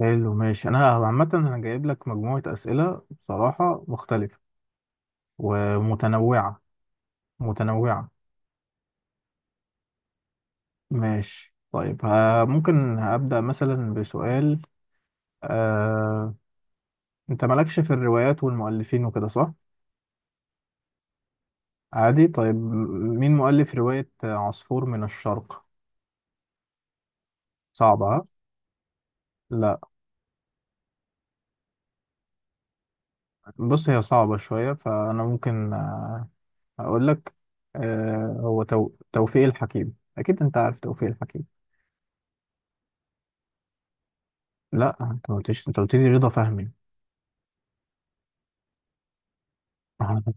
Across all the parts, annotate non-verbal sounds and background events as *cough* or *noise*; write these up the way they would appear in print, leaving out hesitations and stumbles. حلو ماشي، انا عامه انا جايب لك مجموعه اسئله بصراحه مختلفه ومتنوعه متنوعه. ماشي طيب، ها ممكن ابدا مثلا بسؤال. آه، انت مالكش في الروايات والمؤلفين وكده صح؟ عادي طيب، مين مؤلف روايه عصفور من الشرق؟ صعبه ها. لا. بص، هي صعبه شويه فانا ممكن، اقول لك. توفيق الحكيم، اكيد انت عارف توفيق الحكيم. لا، انت ما قلتش، انت قلت لي رضا فهمي. آه،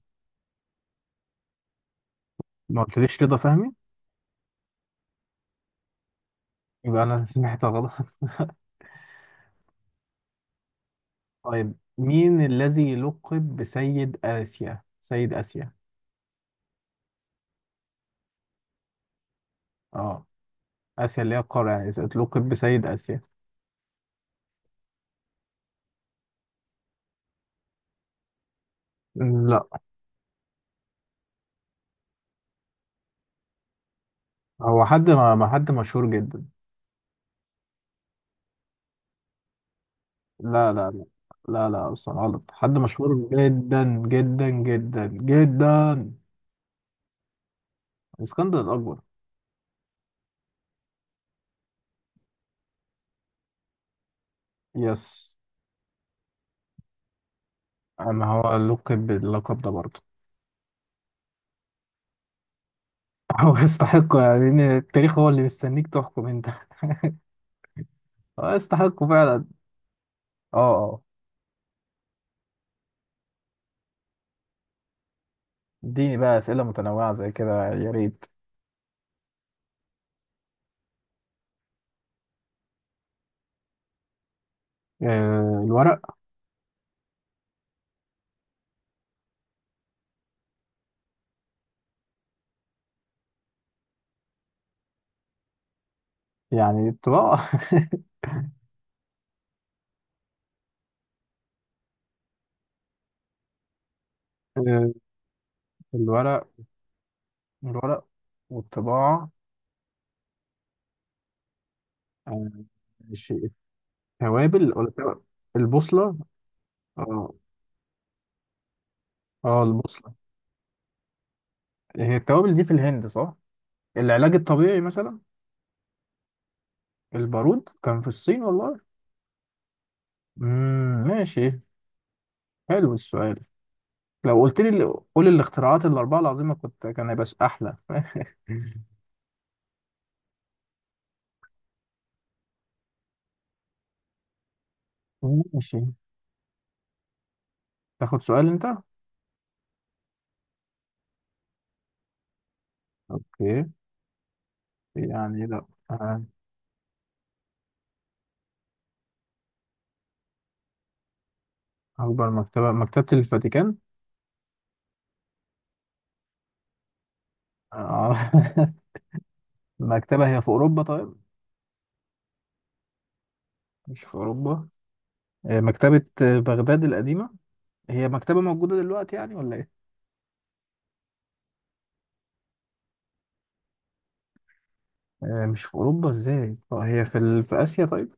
ما قلتليش رضا فهمي. يبقى أنا سمعت غلط. *laughs* طيب، مين الذي لقب بسيد آسيا؟ سيد آسيا. اه. آسيا اللي هي القارة يعني. لقب بسيد آسيا. لا. هو حد ما ما حد مشهور جدا. لا لا لا لا، لا أصلا غلط، حد مشهور جدا جدا جدا جدا. اسكندر الأكبر. يس، ما هو لقب باللقب ده برضه. *laughs* هو يستحقه، يعني إن التاريخ هو اللي مستنيك تحكم انت. هو يستحقه فعلا. اه آه. اديني بقى أسئلة متنوعة زي كده، يا ريت. الورق. يعني الطباعة. *laughs* آه، الورق. الورق والطباعة. آه، ماشي. التوابل ولا البوصلة. اه اه، البوصلة. هي التوابل دي في الهند صح؟ العلاج الطبيعي مثلا. البارود كان في الصين والله. ماشي، حلو السؤال. لو قلت لي قول الاختراعات الأربعة العظيمة كنت كان هيبقى أحلى. *laughs* ماشي، تاخد سؤال أنت؟ اوكي، يعني لا. أكبر مكتبة مكتبة الفاتيكان. آه، *laughs* مكتبة هي في أوروبا طيب. مش في أوروبا. مكتبة بغداد القديمة. هي مكتبة موجودة دلوقتي يعني ولا إيه؟ مش في أوروبا إزاي؟ هي في آسيا طيب.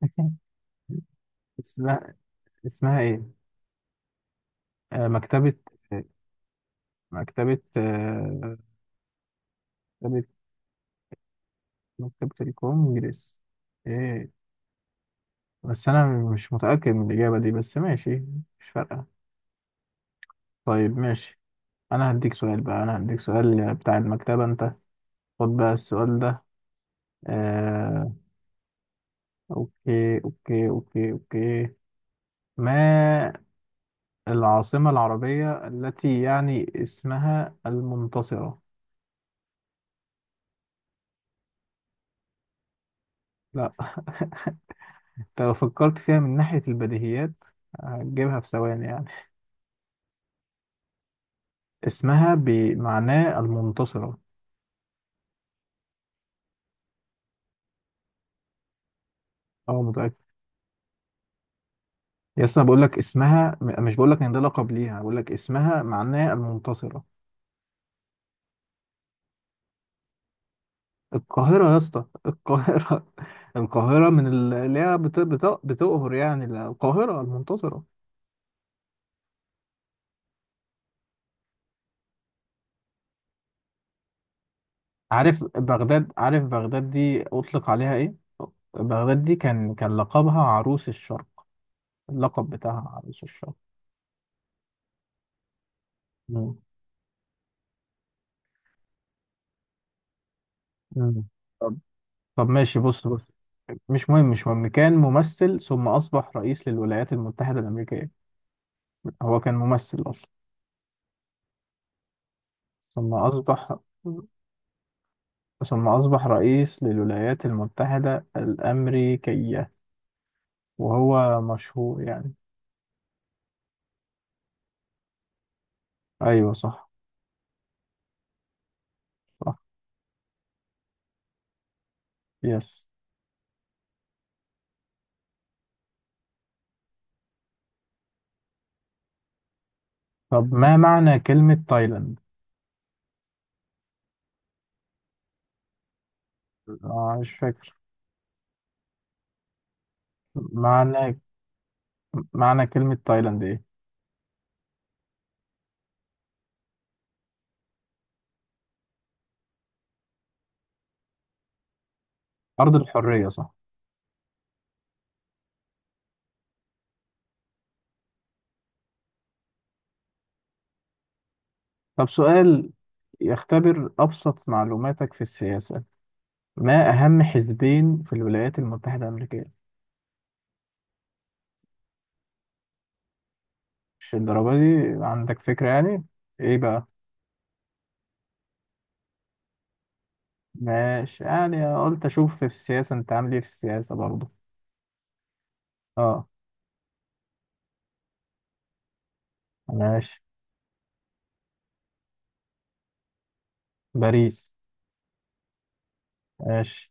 *laughs* اسمها. اسمها إيه؟ مكتبة مكتبة مكتبة مكتبة الكونجرس. إيه، بس أنا مش متأكد من الإجابة دي، بس ماشي، مش فارقة. طيب ماشي، انا هديك سؤال بتاع المكتبة انت. خد بقى السؤال ده. آه... اوكي اوكي اوكي اوكي، ما العاصمة العربية التي يعني اسمها المنتصرة؟ لا. *laughs* انت لو فكرت فيها من ناحية البديهيات هتجيبها في ثواني يعني. اسمها بمعناه المنتصرة. اه، متأكد. يس، انا بقول لك اسمها، مش بقول لك ان ده لقب ليها، بقول لك اسمها معناه المنتصرة. القاهرة يا اسطى، القاهرة. *laughs* القاهرة من اللي هي بتقهر يعني، القاهرة المنتصرة. عارف بغداد؟ عارف بغداد دي أطلق عليها إيه؟ بغداد دي كان لقبها عروس الشرق. اللقب بتاعها عروس الشرق. مم. مم. طب طب ماشي، بص. مش مهم، مش مهم. كان ممثل ثم أصبح رئيس للولايات المتحدة الأمريكية. هو كان ممثل أصلا، ثم أصبح، ثم أصبح رئيس للولايات المتحدة الأمريكية، وهو مشهور يعني. ايوه صح. صح. يس. طب ما معنى كلمة تايلاند؟ مش فاكر. معنى، معنى كلمة تايلاند ايه؟ أرض الحرية صح. طب سؤال يختبر أبسط معلوماتك في السياسة. ما أهم حزبين في الولايات المتحدة الأمريكية؟ مش الدرجة دي، عندك فكرة يعني؟ ايه بقى؟ ماشي، يعني قلت أشوف في السياسة أنت عامل ايه في السياسة برضه. اه. ماشي. باريس. ماشي،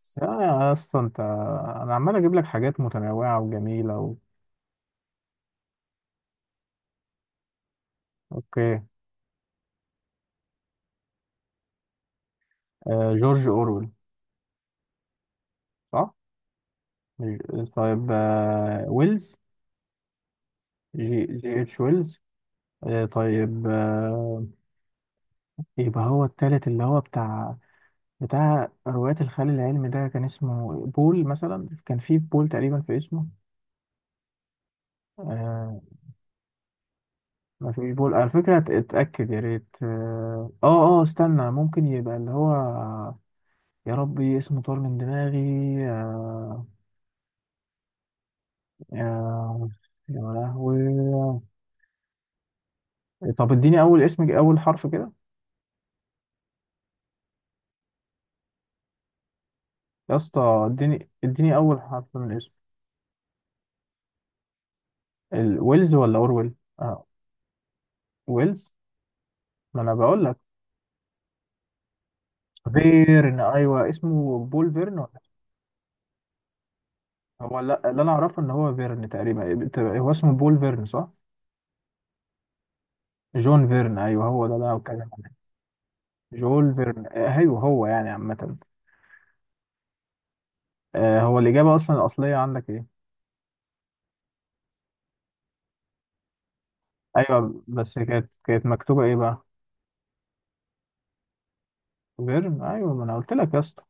بس لا يا اسطى انت، انا عمال اجيب لك حاجات متنوعه وجميله و... اوكي. آه جورج اورويل. صح. طيب، آه ويلز. جي جي اتش ويلز. آه طيب آه، يبقى هو التالت اللي هو بتاع، بتاع رواية الخيال العلمي ده كان اسمه بول مثلا، كان في بول تقريبا في اسمه. آه. ما فيش بول على فكرة، اتأكد يا ريت. اه اه، استنى ممكن يبقى اللي هو، يا ربي اسمه طار من دماغي. آه. يا، يا لهوي. طب اديني اول اسم، اول حرف كده يا اسطى. اديني اديني اول حرف من اسم. ويلز ولا اورويل. آه. ويلز، ما انا بقول لك. فيرن، ايوه، اسمه بول فيرن ولا إيه؟ هو لا، اللي انا اعرفه ان هو فيرن تقريبا. هو اسمه بول فيرن صح. جون فيرن، ايوه هو ده اللي انا بتكلم عنه. جول فيرن، ايوه هو يعني عامه. هو الاجابه اصلا الاصليه عندك ايه؟ ايوه بس كانت مكتوبه ايه بقى؟ فيرن، ايوه ما انا قلت لك يا اسطى.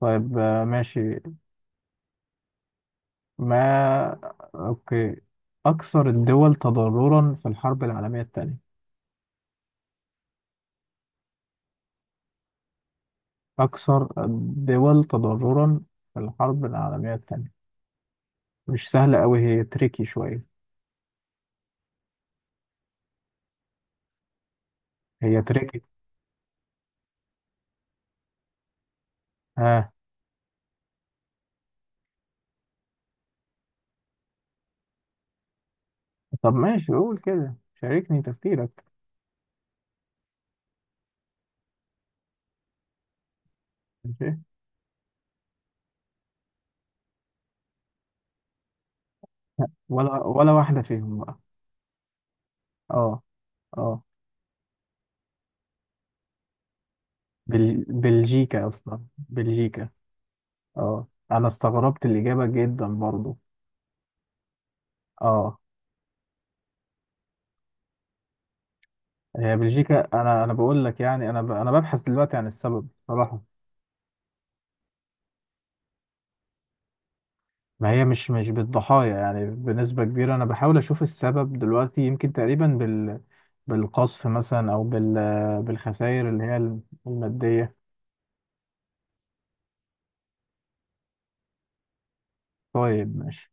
طيب ماشي. ما أوكي، أكثر الدول تضررا في الحرب العالمية الثانية. أكثر الدول تضررا في الحرب العالمية الثانية، مش سهلة أوي، هي تريكي شوية. هي تريكي. آه. طب ماشي، قول كده شاركني تفكيرك. ماشي. ولا ولا واحدة فيهم بقى. اه اه. بلجيكا، أصلا بلجيكا. اه، أنا استغربت الإجابة جدا برضو. اه. هي بلجيكا، انا بقول لك يعني، انا انا ببحث دلوقتي عن السبب صراحة. ما هي مش بالضحايا يعني، بنسبة كبيرة، انا بحاول اشوف السبب دلوقتي يمكن تقريبا بال، بالقصف مثلا او بال، بالخسائر اللي هي المادية. طيب ماشي.